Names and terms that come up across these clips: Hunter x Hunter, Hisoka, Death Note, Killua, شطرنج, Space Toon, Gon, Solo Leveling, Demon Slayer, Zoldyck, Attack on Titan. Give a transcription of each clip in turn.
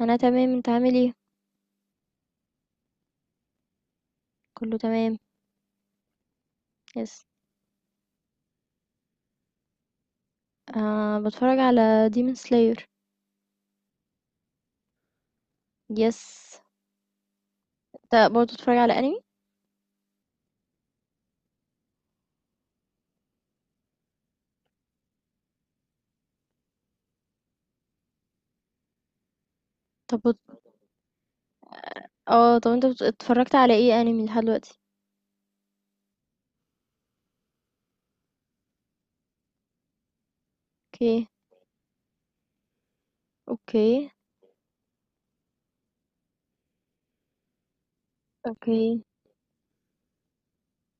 انا تمام انت عامل ايه. كله تمام. يس. آه، بتفرج على ديمون سلاير. يس. انت برضه بتتفرج على انمي؟ طب بت... اه، طب انت اتفرجت على ايه انمي لحد دلوقتي؟ اوكي. اوكي. اوكي.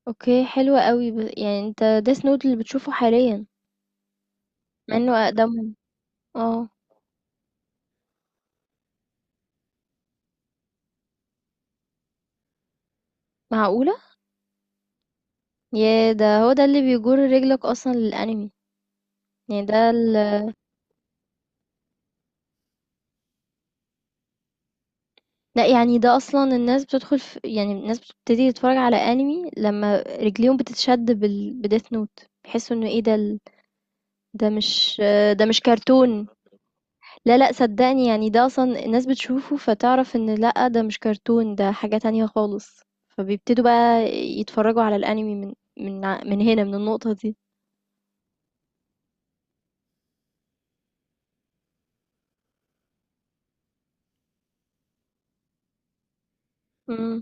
اوكي، حلو قوي. يعني انت ديس نوت اللي بتشوفه حاليا، مع انه اقدمهم. اه، معقولة؟ يا ده، هو ده اللي بيجر رجلك اصلا للانمي. يعني ده لأ، يعني ده أصلًا الناس بتدخل يعني الناس بتبتدي تتفرج على أنمي لمّا رجليهم بتتشد بال بdeath note، بيحسوا إنه إيه ده ده مش ده مش كرتون. لا، لأ، صدّقني، يعني ده أصلًا الناس بتشوفه فتعرف إن لأ، ده مش كرتون، ده حاجة تانية خالص، فبيبتدوا بقى يتفرجوا على الأنمي من هنا، من النقطة دي. إمم.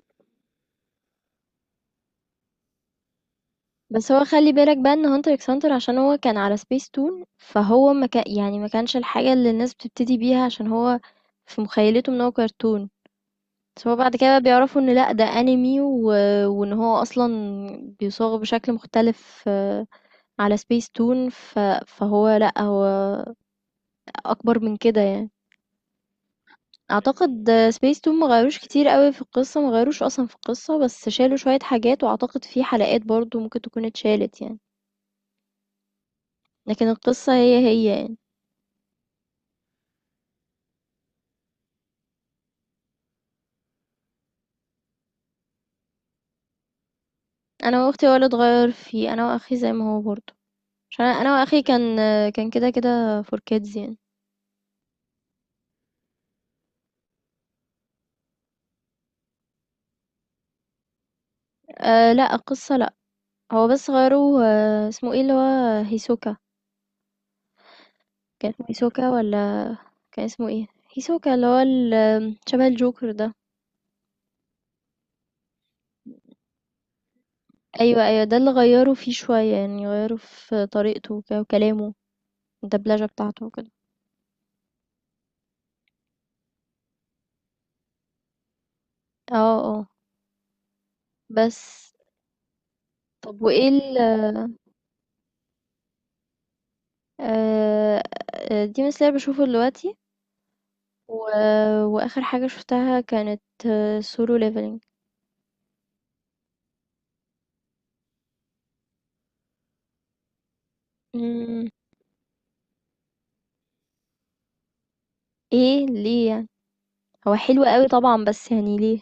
بس هو خلّي بالك بقى إن hunter x hunter عشان هو كان على سبيس تون، فهو ما كا يعني ما كانش الحاجة اللي الناس بتبتدي بيها، عشان هو في مُخيّلتهم إن هو كرتون، بس هو بعد كده بقى بيعرفوا إن لأ، ده anime، و وإن هو أصلًا بيصاغ بشكل مختلف، آه، على سبيس تون، فهو لأ، هو أكبر من كده يعني. أعتقد سبيس تون ما غيّروش كتير أوي في القصة، ما غيّروش أصلًا في القصة، بس شالوا شوية حاجات، وأعتقد في حلقات برضه ممكن تكون اتشالت يعني، لكن القصة هي يعني. انا واختي هو اللي اتغير فيه، انا واخي زي ما هو برضه، عشان أنا واخي كان كان كده كده فور كيدز يعني. أه لا، القصة لا، هو بس غيروا، آه، اسمه ايه اللي هو هيسوكا. كان اسمه هيسوكا ولا كان اسمه ايه؟ هيسوكا اللي هو شبه الجوكر ده. ايوه، ايوه، ده اللي غيروا فيه شوية، يعني غيروا في طريقته وكلامه، الدبلجة بتاعته وكده. اه، اه. بس طب وايه ال آه. آه، ديمون سلاير بشوفه دلوقتي و... واخر حاجة شفتها كانت سولو ليفلينج. امم، ايه، ليه يعني؟ هو حلو قوي طبعا، بس يعني ليه؟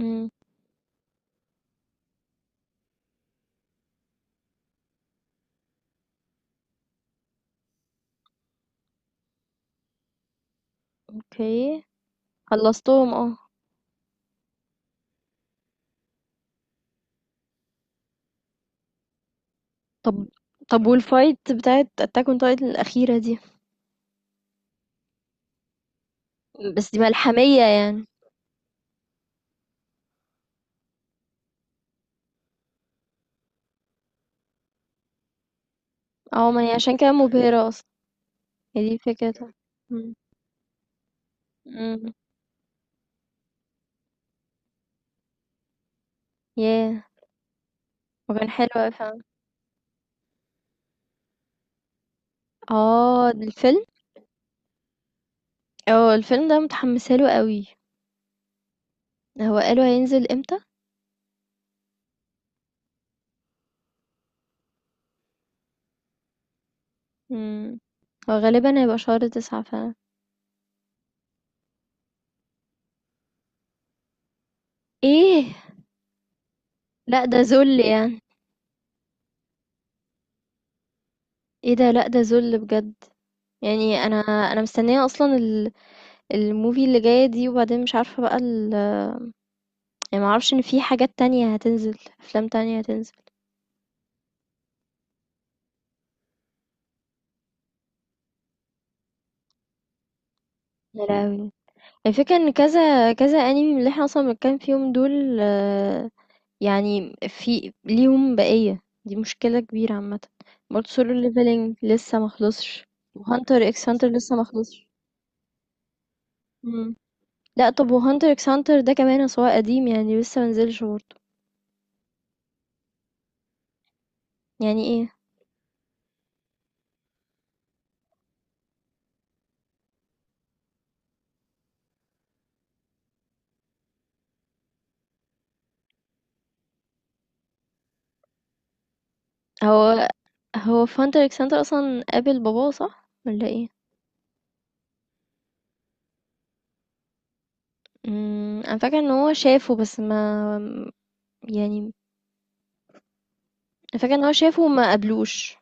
امم. اوكي، خلصتهم اه. طب طب والفايت بتاعت اتاك اون تايتن الاخيرة دي، بس دي ملحمية يعني. اه، ما هي عشان كده مبهرة اصلا. هي دي فكرتها. مم. مم. ياه. وكان حلو اوي فعلا. اه، ده الفيلم. اه، الفيلم ده متحمسة له قوي. هو قالوا هينزل امتى؟ مم. هو غالبا هيبقى شهر 9 فعلا. إيه! لأ، ده ذل يعني. إيه ده! لأ، ده ذل بجد. يعني أنا، أنا مستنية أصلًا الmovie اللي جاية دي، وبعدين مش عارفة بقى يعني ما أعرفش إن في حاجات تانية هتنزل، أفلام تانية هتنزل. يا لهوي! الفكرة إن كذا كذا anime من اللي إحنا أصلًا بنتكلم فيهم دول، آه، يعني في ليهم بقية، دي مشكلة كبيرة عامةً. برضه Solo Leveling لسه ما خلصش، وHunter x Hunter لسه ما خلصش. إمم. لأ، طب وHunter x Hunter ده كمان أصل هو قديم، يعني لسه ما نزلش برضه. يعني إيه؟ هو هو فانت ألكسندر أصلًا قابل باباه صح والّا إيه؟ إمم، أنا فاكرة إن هو شافه بس ما يعني، أنا فاكرة إن هو شافه وما قابلوش،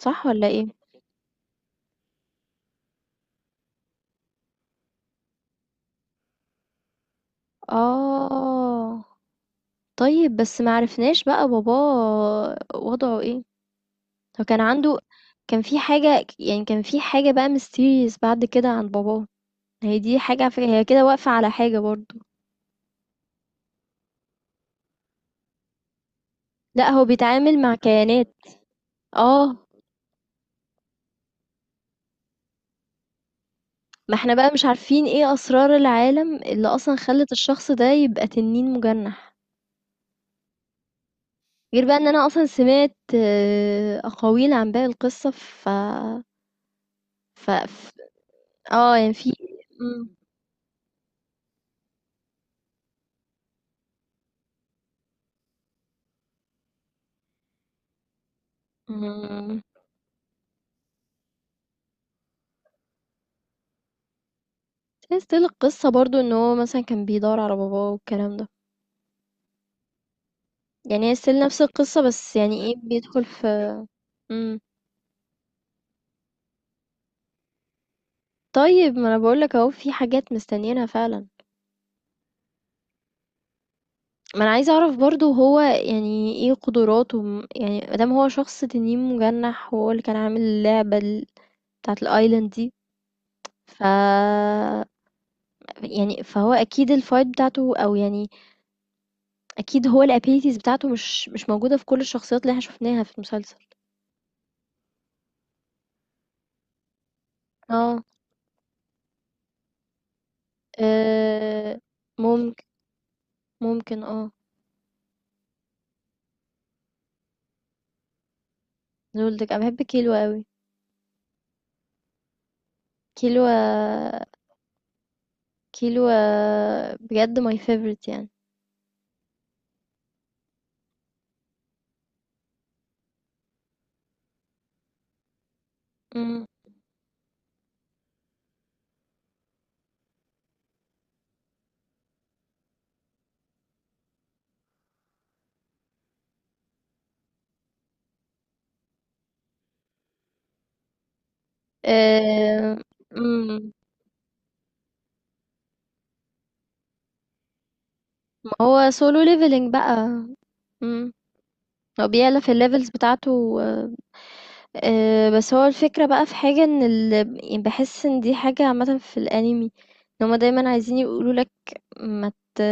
صح والّا إيه؟ آه. طيب، بس ما عرفناش بقى باباه وضعه إيه؟ هو كان عنده كان في حاجة يعني كان في حاجة بقى mysterious بعد كده عن باباه، هي دي حاجة على فكرة، هي كده واقفة على حاجة برضه. لأ، هو بيتعامل مع كيانات. آه. ما احنا بقى مش عارفين ايه اسرار العالم اللي اصلا خلت الشخص ده يبقى تنين مجنح، غير بقى ان انا اصلا سمعت، آه، اقاويل عن باقي القصة، ف ف- اه، يعني في. امم. ستيل القصة برضو ان هو مثلا كان بيدور على باباه والكلام ده، يعني هي ستيل نفس القصة، بس يعني ايه بيدخل في. مم. طيب ما انا بقولك اهو في حاجات مستنيينها فعلا. ما انا عايزه اعرف برضو هو يعني ايه قدراته، يعني مادام هو شخص تنين مجنح وهو اللي كان عامل بتاعه الايلاند دي، ف يعني فهو اكيد الفايت بتاعته او يعني اكيد هو الابيليتيز بتاعته مش موجوده في كل الشخصيات اللي احنا شفناها في المسلسل. اه. آه. ممكن، ممكن اه. زولدك، انا بحب كيلو قوي. كيلو. كيلو بجد ماي فيفورت يعني. امم. ما هو solo leveling بقى. امم. هو بيعلى في الليفلز بتاعته، آه. آه، بس هو الفكرة بقى، في حاجة ان يعني بحس ان دي حاجة عامة في الانمي، ان هما دايما عايزين يقولوا لك ما ت...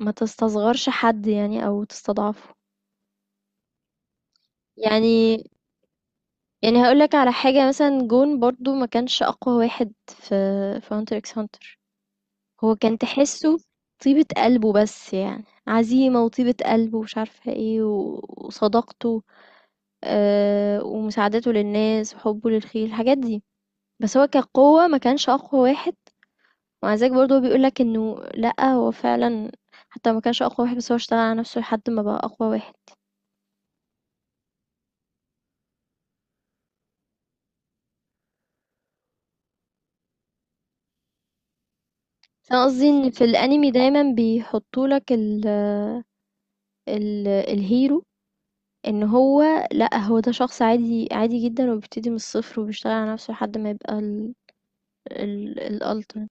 ما تستصغرش حد يعني، او تستضعفه. يعني يعني هقول لك على حاجة، مثلا جون برضو ما كانش اقوى واحد في في هانتر اكس هانتر. هو كان تحسه طيبة قلبه، بس يعني عزيمة وطيبة قلبه، ومش عارفة ايه، وصداقته، آه، ومساعدته للناس وحبه للخير، الحاجات دي. بس هو كقوة ما كانش أقوى واحد، ومع ذلك برضه هو بيقولك إنه لأ، هو فعلا حتى ما كانش أقوى واحد، بس هو اشتغل على نفسه لحد ما بقى أقوى واحد. فأنا قصدي إن في الأنمي دايما بيحطولك ال ال الهيرو، إن هو لأ، هو ده شخص عادي، عادي جدا، وبيبتدي من الصفر، وبيشتغل على نفسه لحد ما يبقى ال ال الألتيميت.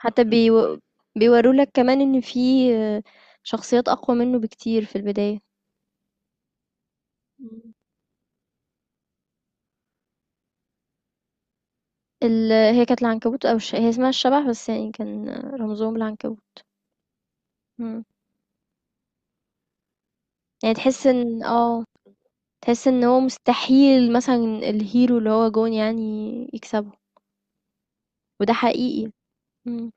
حتى بيو بيورولك كمان إن في، آه، شخصيات أقوى منه بكتير في البداية. إمم. هي كانت العنكبوت أو هي اسمها الشبح، بس يعني كان رمزهم العنكبوت. إمم. يعني تحس إن، آه، تحس إن هو مستحيل مثلًا الhero اللي هو جون يعني يكسبه، وده حقيقي. إمم.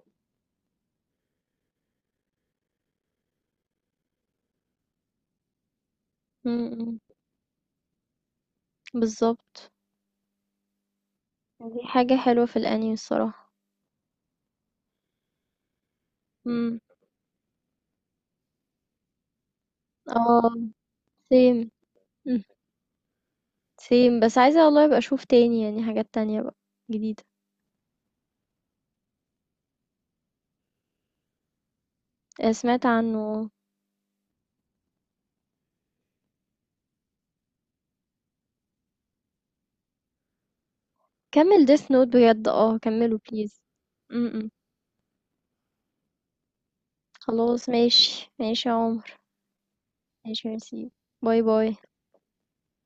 إمم، إمم. بالضبط. دي حاجة حلوة في الأنمي الصراحة. إمم. آه. same. إمم. same، بس عايزة والله أبقى أشوف تاني يعني، حاجات تانية بقى جديدة. سمعت عنه آه. كمّل death note بجد، آه، كمّله please. إمم، إمم. خلاص ماشي، ماشي يا عمر. ماشي، ميرسي. باي باي.